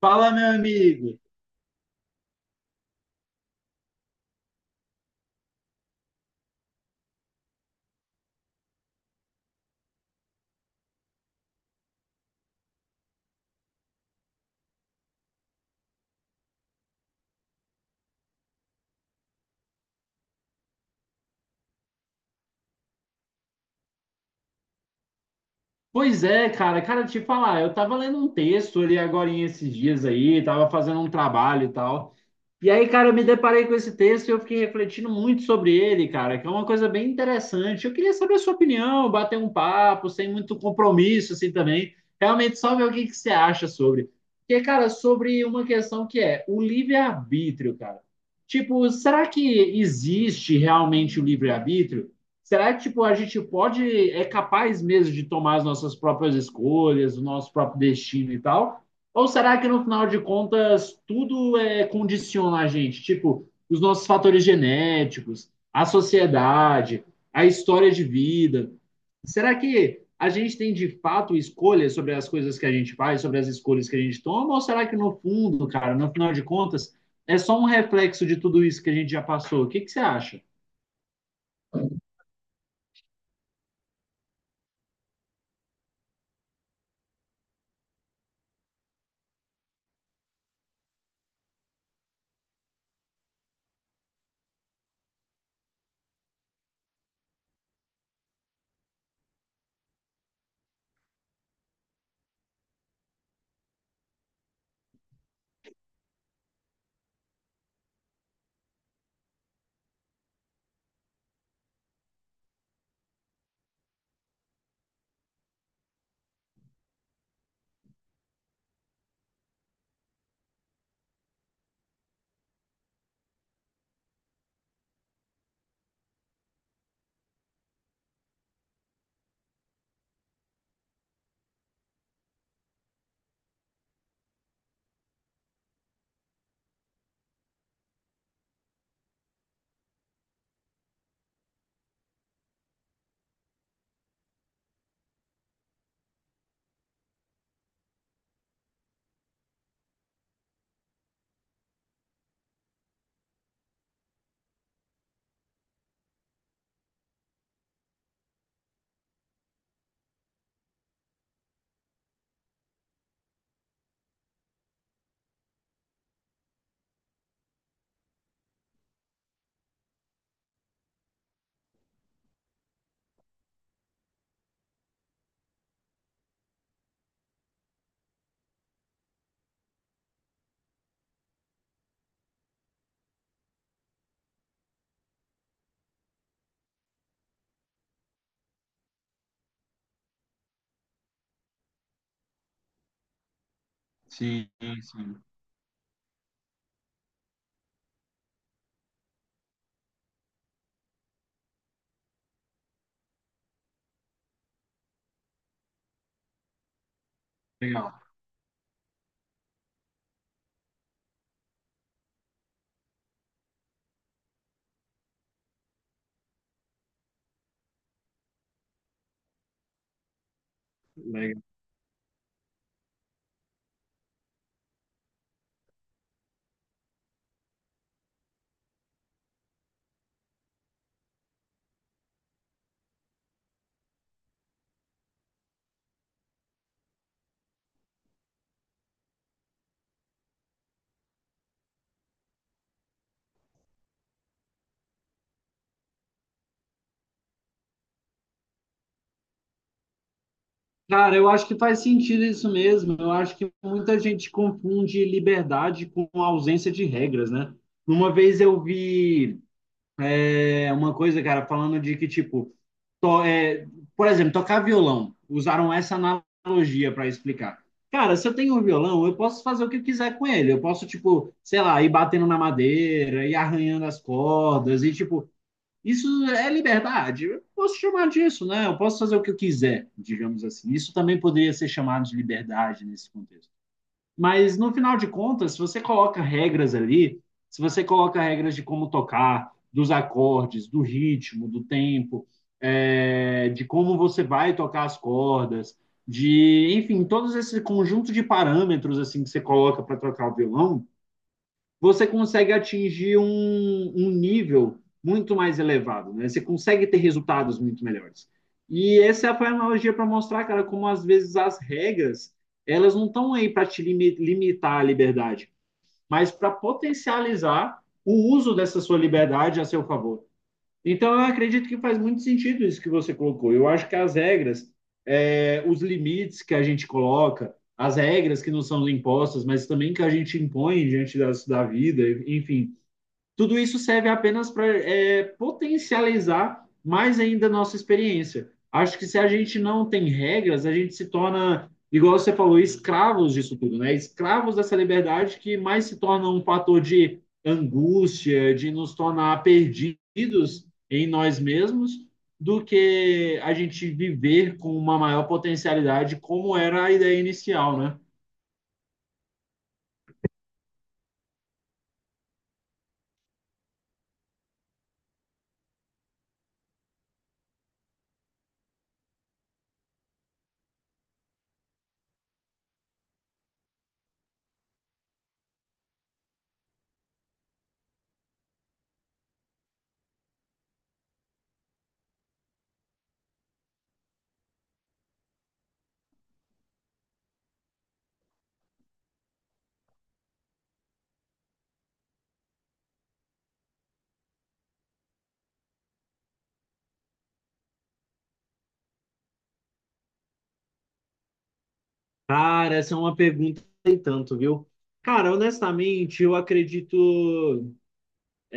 Fala, meu amigo. Pois é, cara, te falar, eu tava lendo um texto ali agora esses dias aí, tava fazendo um trabalho e tal. E aí, cara, eu me deparei com esse texto e eu fiquei refletindo muito sobre ele, cara, que é uma coisa bem interessante. Eu queria saber a sua opinião, bater um papo, sem muito compromisso, assim, também. Realmente, só ver o que que você acha sobre. Porque, cara, sobre uma questão que é o livre-arbítrio, cara. Tipo, será que existe realmente o livre-arbítrio? Será que, tipo, a gente pode, é capaz mesmo de tomar as nossas próprias escolhas, o nosso próprio destino e tal? Ou será que no final de contas tudo é condiciona a gente? Tipo, os nossos fatores genéticos, a sociedade, a história de vida. Será que a gente tem de fato escolha sobre as coisas que a gente faz, sobre as escolhas que a gente toma? Ou será que no fundo, cara, no final de contas, é só um reflexo de tudo isso que a gente já passou? O que, que você acha? Sim, sim. Legal, legal. Cara, eu acho que faz sentido isso mesmo. Eu acho que muita gente confunde liberdade com ausência de regras, né? Uma vez eu vi uma coisa, cara, falando de que, tipo, to- é, por exemplo, tocar violão. Usaram essa analogia para explicar. Cara, se eu tenho um violão, eu posso fazer o que eu quiser com ele. Eu posso, tipo, sei lá, ir batendo na madeira, ir arranhando as cordas, e, tipo, isso é liberdade. Eu posso chamar disso, né? Eu posso fazer o que eu quiser, digamos assim. Isso também poderia ser chamado de liberdade nesse contexto. Mas no final de contas, se você coloca regras ali, se você coloca regras de como tocar, dos acordes, do ritmo, do tempo, de como você vai tocar as cordas, de, enfim, todos esse conjunto de parâmetros assim que você coloca para tocar o violão, você consegue atingir um nível muito mais elevado, né? Você consegue ter resultados muito melhores. E essa foi a analogia para mostrar, cara, como às vezes as regras, elas não estão aí para te limitar a liberdade, mas para potencializar o uso dessa sua liberdade a seu favor. Então, eu acredito que faz muito sentido isso que você colocou. Eu acho que as regras, os limites que a gente coloca, as regras que não são impostas, mas também que a gente impõe diante das, da vida, enfim, tudo isso serve apenas para potencializar mais ainda a nossa experiência. Acho que se a gente não tem regras, a gente se torna, igual você falou, escravos disso tudo, né? Escravos dessa liberdade que mais se torna um fator de angústia, de nos tornar perdidos em nós mesmos, do que a gente viver com uma maior potencialidade, como era a ideia inicial, né? Cara, essa é uma pergunta que tem tanto, viu? Cara, honestamente, eu acredito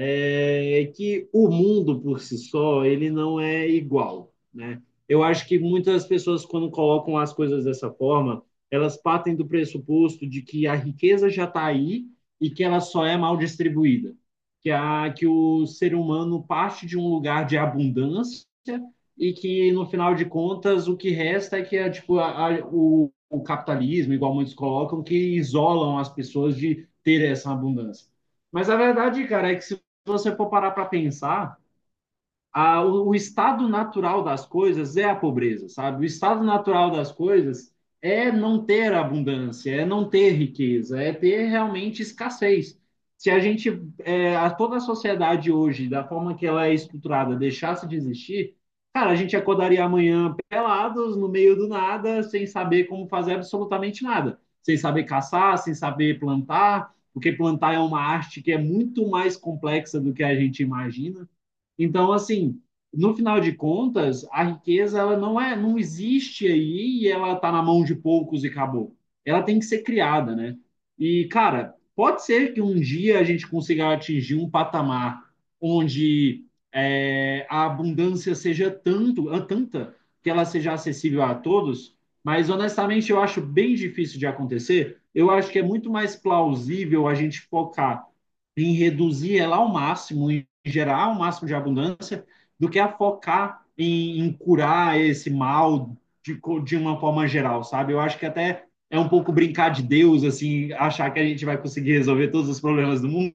que o mundo por si só ele não é igual, né? Eu acho que muitas pessoas quando colocam as coisas dessa forma, elas partem do pressuposto de que a riqueza já está aí e que ela só é mal distribuída, que a que o ser humano parte de um lugar de abundância e que no final de contas o que resta é que é tipo o capitalismo, igual muitos colocam, que isolam as pessoas de ter essa abundância. Mas a verdade, cara, é que se você for parar para pensar, o estado natural das coisas é a pobreza, sabe? O estado natural das coisas é não ter abundância, é não ter riqueza, é ter realmente escassez. Se a gente, toda a sociedade hoje, da forma que ela é estruturada, deixasse de existir, cara, a gente acordaria amanhã pelados, no meio do nada, sem saber como fazer absolutamente nada, sem saber caçar, sem saber plantar, porque plantar é uma arte que é muito mais complexa do que a gente imagina. Então, assim, no final de contas, a riqueza ela não é, não existe aí e ela está na mão de poucos e acabou. Ela tem que ser criada, né? E, cara, pode ser que um dia a gente consiga atingir um patamar onde a abundância seja tanta que ela seja acessível a todos, mas honestamente eu acho bem difícil de acontecer. Eu acho que é muito mais plausível a gente focar em reduzir ela ao máximo, em gerar o máximo de abundância, do que a focar em curar esse mal de, de uma forma geral, sabe? Eu acho que até é um pouco brincar de Deus, assim, achar que a gente vai conseguir resolver todos os problemas do mundo.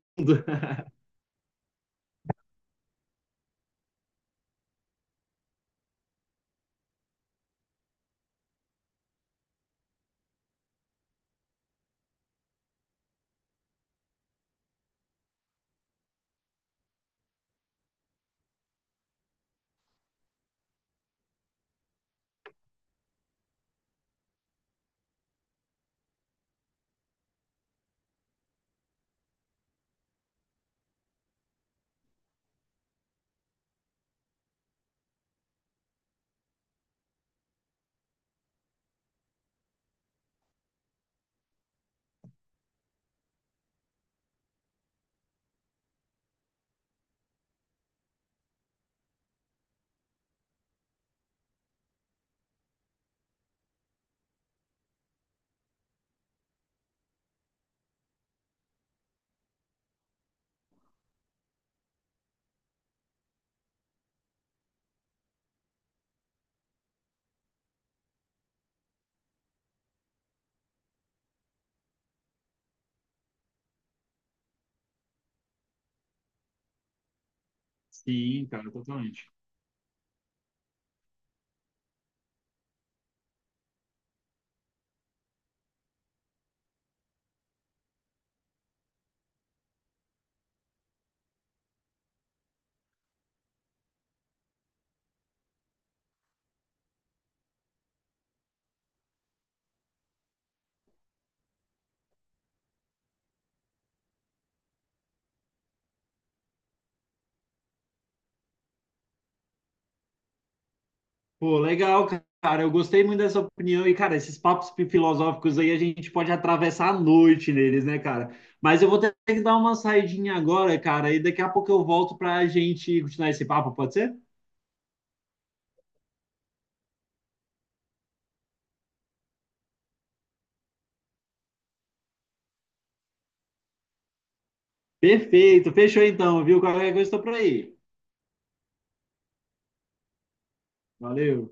Sim, cara, totalmente. Pô, legal, cara. Eu gostei muito dessa opinião. E, cara, esses papos filosóficos aí a gente pode atravessar a noite neles, né, cara? Mas eu vou ter que dar uma saidinha agora, cara, e daqui a pouco eu volto pra gente continuar esse papo, pode ser? Perfeito, fechou então, viu? Qualquer coisa estou por aí. Valeu.